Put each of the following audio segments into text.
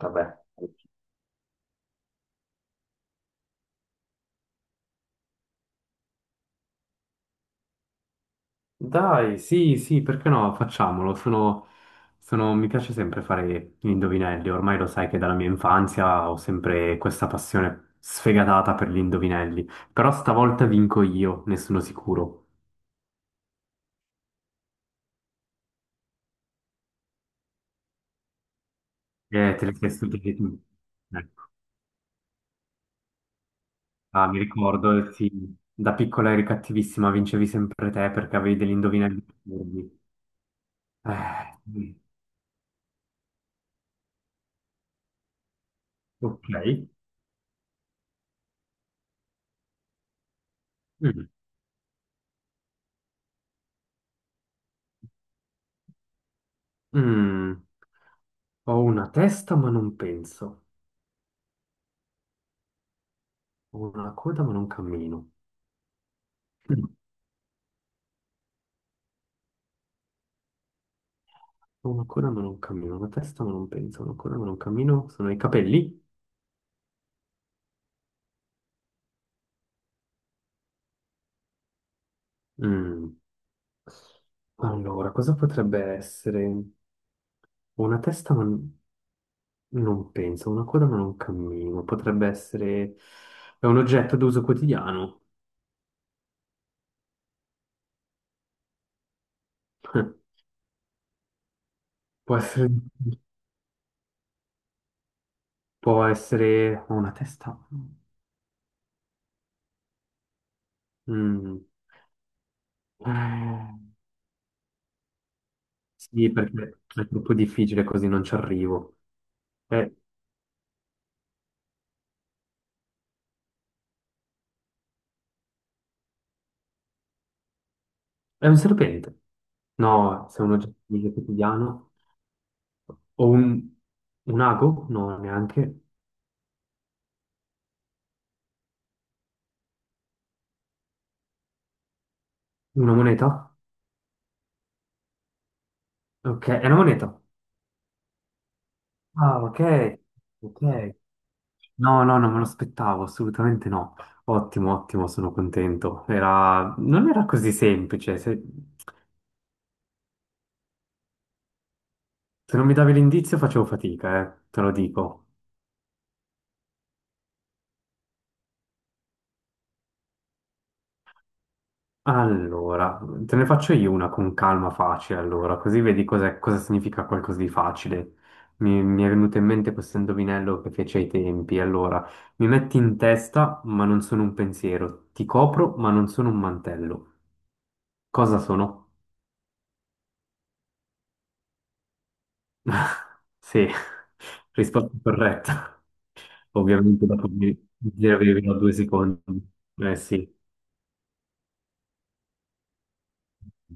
Vabbè. Dai, sì, sì, perché no? Facciamolo. Mi piace sempre fare gli indovinelli. Ormai lo sai che dalla mia infanzia ho sempre questa passione sfegatata per gli indovinelli. Però stavolta vinco io, ne sono sicuro. Te le sei studiate tu. Ecco. Ah, mi ricordo, sì, da piccola eri cattivissima, vincevi sempre te perché avevi degli indovinelli assurdi. Eh, ok. Mm. Mm. Ho una testa ma non penso. Ho una coda ma non cammino. Mm. Ho una coda ma non cammino, una testa ma non penso, una coda ma non cammino. Sono i capelli? Mm. Allora, cosa potrebbe essere? Ho una testa ma n- Non penso, ho una coda ma non cammino. Potrebbe essere... È un oggetto d'uso quotidiano. Può essere... Può essere... Ho una testa... Mm. Eh, sì, perché è troppo difficile così, non ci arrivo. È, è un serpente. No, se è un oggetto di uso quotidiano. O un, un ago? No, neanche. Una moneta? Ok, è una moneta. Ah, ok. Ok. No, no, non me lo aspettavo, assolutamente no. Ottimo, ottimo, sono contento. Era... Non era così semplice. Se non mi davi l'indizio facevo fatica, te lo dico. Allora, te ne faccio io una con calma facile, allora, così vedi cosa significa qualcosa di facile. Mi è venuto in mente questo indovinello che fece ai tempi. Allora, mi metti in testa, ma non sono un pensiero. Ti copro, ma non sono un mantello. Cosa sono? Sì, risposta corretta. Ovviamente dopo mi avevi due secondi. Eh sì,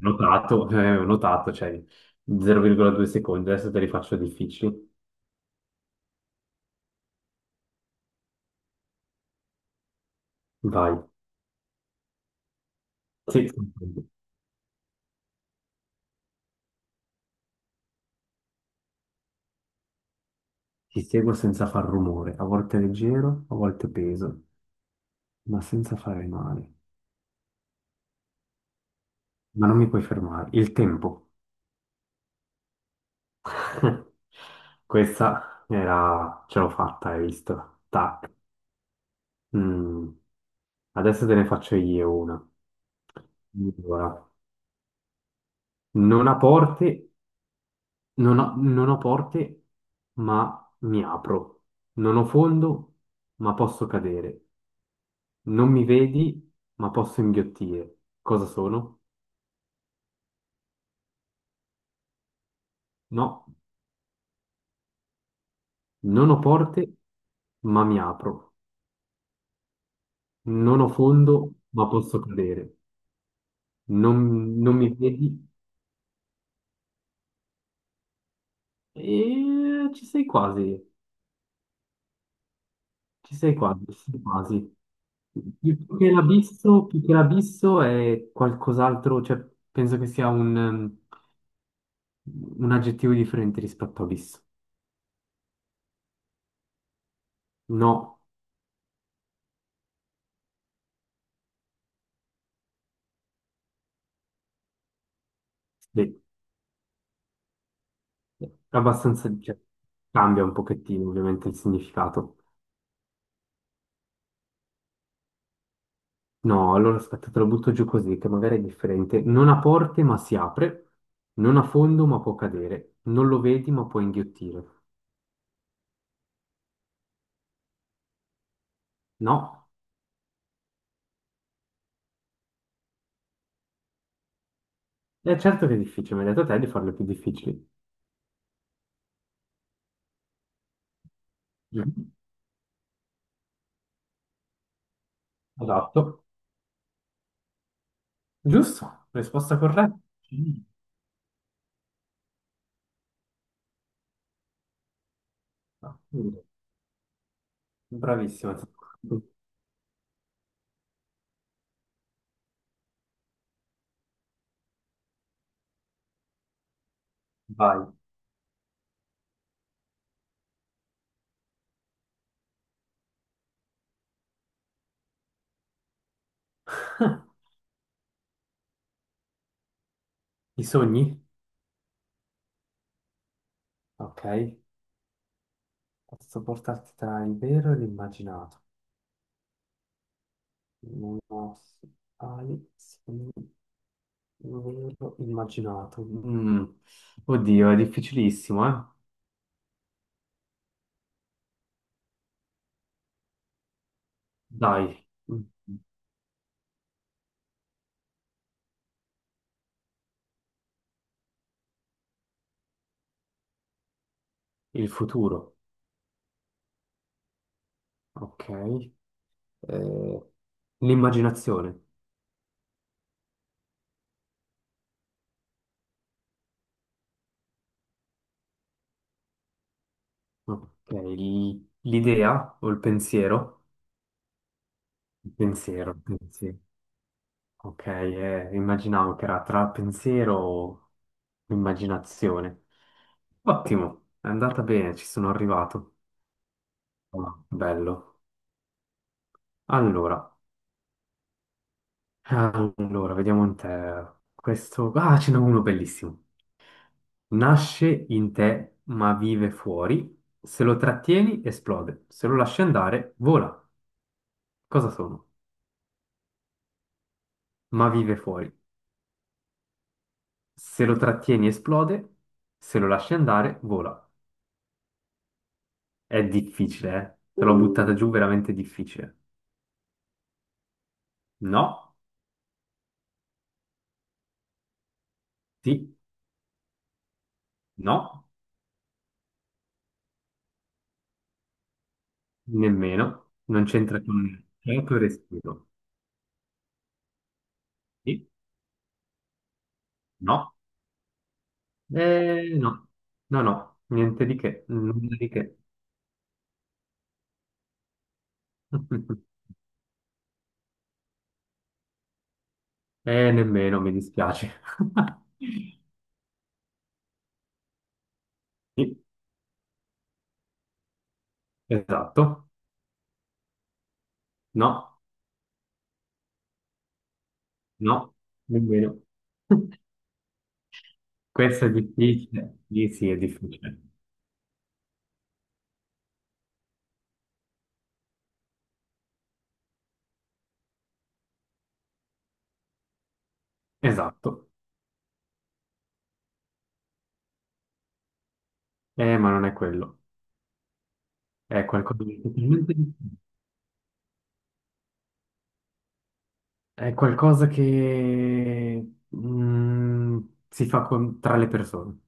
notato, ho notato, cioè 0,2 secondi. Adesso te li faccio difficili. Vai. Sì, sì, ti seguo senza far rumore, a volte leggero, a volte peso, ma senza fare male. Ma non mi puoi fermare. Il tempo. Questa era... ce l'ho fatta, hai visto? Tac. Mm. Adesso te ne faccio io una. Allora, non ha porte, non ho porte, ma mi apro. Non ho fondo, ma posso cadere. Non mi vedi, ma posso inghiottire. Cosa sono? No, non ho porte, ma mi apro. Non ho fondo, ma posso cadere. Non mi vedi? E ci sei quasi, ci sei quasi, ci sei quasi. Più che l'abisso è qualcos'altro, cioè penso che sia un aggettivo differente rispetto a abisso. No, beh, abbastanza, cioè, cambia un pochettino ovviamente il significato. No, allora aspetta, te lo butto giù così, che magari è differente. Non ha porte ma si apre, non ha fondo ma può cadere, non lo vedi ma può inghiottire. No, è certo che è difficile, mi hai detto te di farle più difficili. Giusto. Esatto, giusto, risposta corretta. Mm. Bravissima. Vai. I sogni? Ok, posso portarti tra il vero e l'immaginato. Non ho- Hai sogni. Non me l'ho immaginato. Mm. Oddio, è difficilissimo, eh? Dai, mm, il futuro, ok. Eh, l'immaginazione, ok. L'idea o il pensiero? Il pensiero, il pensiero. Ok, immaginavo che era tra pensiero o immaginazione. Ottimo, è andata bene, ci sono arrivato. Ah, bello. Allora. Allora, vediamo in te. Questo... Ah, ce n'è uno bellissimo. Nasce in te, ma vive fuori. Se lo trattieni, esplode. Se lo lasci andare, vola. Cosa sono? Ma vive fuori. Se lo trattieni, esplode. Se lo lasci andare, vola. È difficile, eh? Te l'ho buttata giù, veramente difficile. No, sì, no, nemmeno. Non c'entra con il tuo respiro. Sì, no. No, no, no, niente di che, nulla di che. Nemmeno, mi dispiace. Sì, esatto, no, no, nemmeno. Questo è difficile. Sì, sì, è difficile. Esatto, ma non è quello. È qualcosa di totalmente differente. È qualcosa che mm, tra le persone.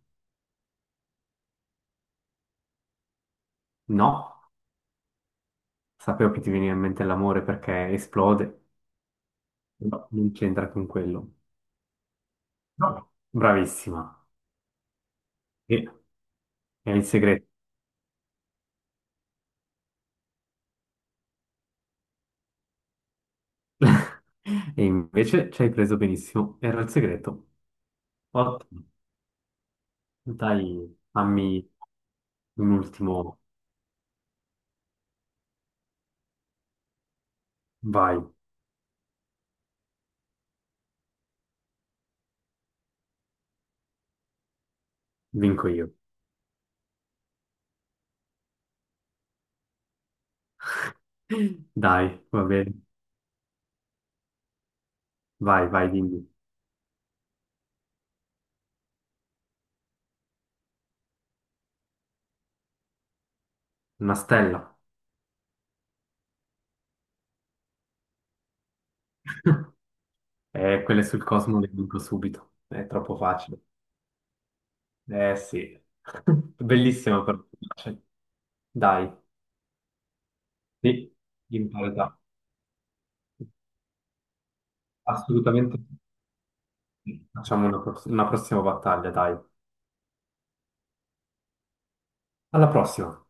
No, sapevo che ti veniva in mente l'amore perché esplode, no, non c'entra con quello. No. Bravissima. E era il segreto. E invece ci hai preso benissimo. Era il segreto. Ottimo. Dai, fammi un ultimo. Vai, vinco io. Dai, va bene. Vai, vai, dimmi. Una stella. Quelle sul Cosmo le vinco subito. È troppo facile. Eh sì. Bellissima però. Cioè, dai, sì, in parità. Assolutamente, sì. Facciamo una prossima battaglia, dai. Alla prossima.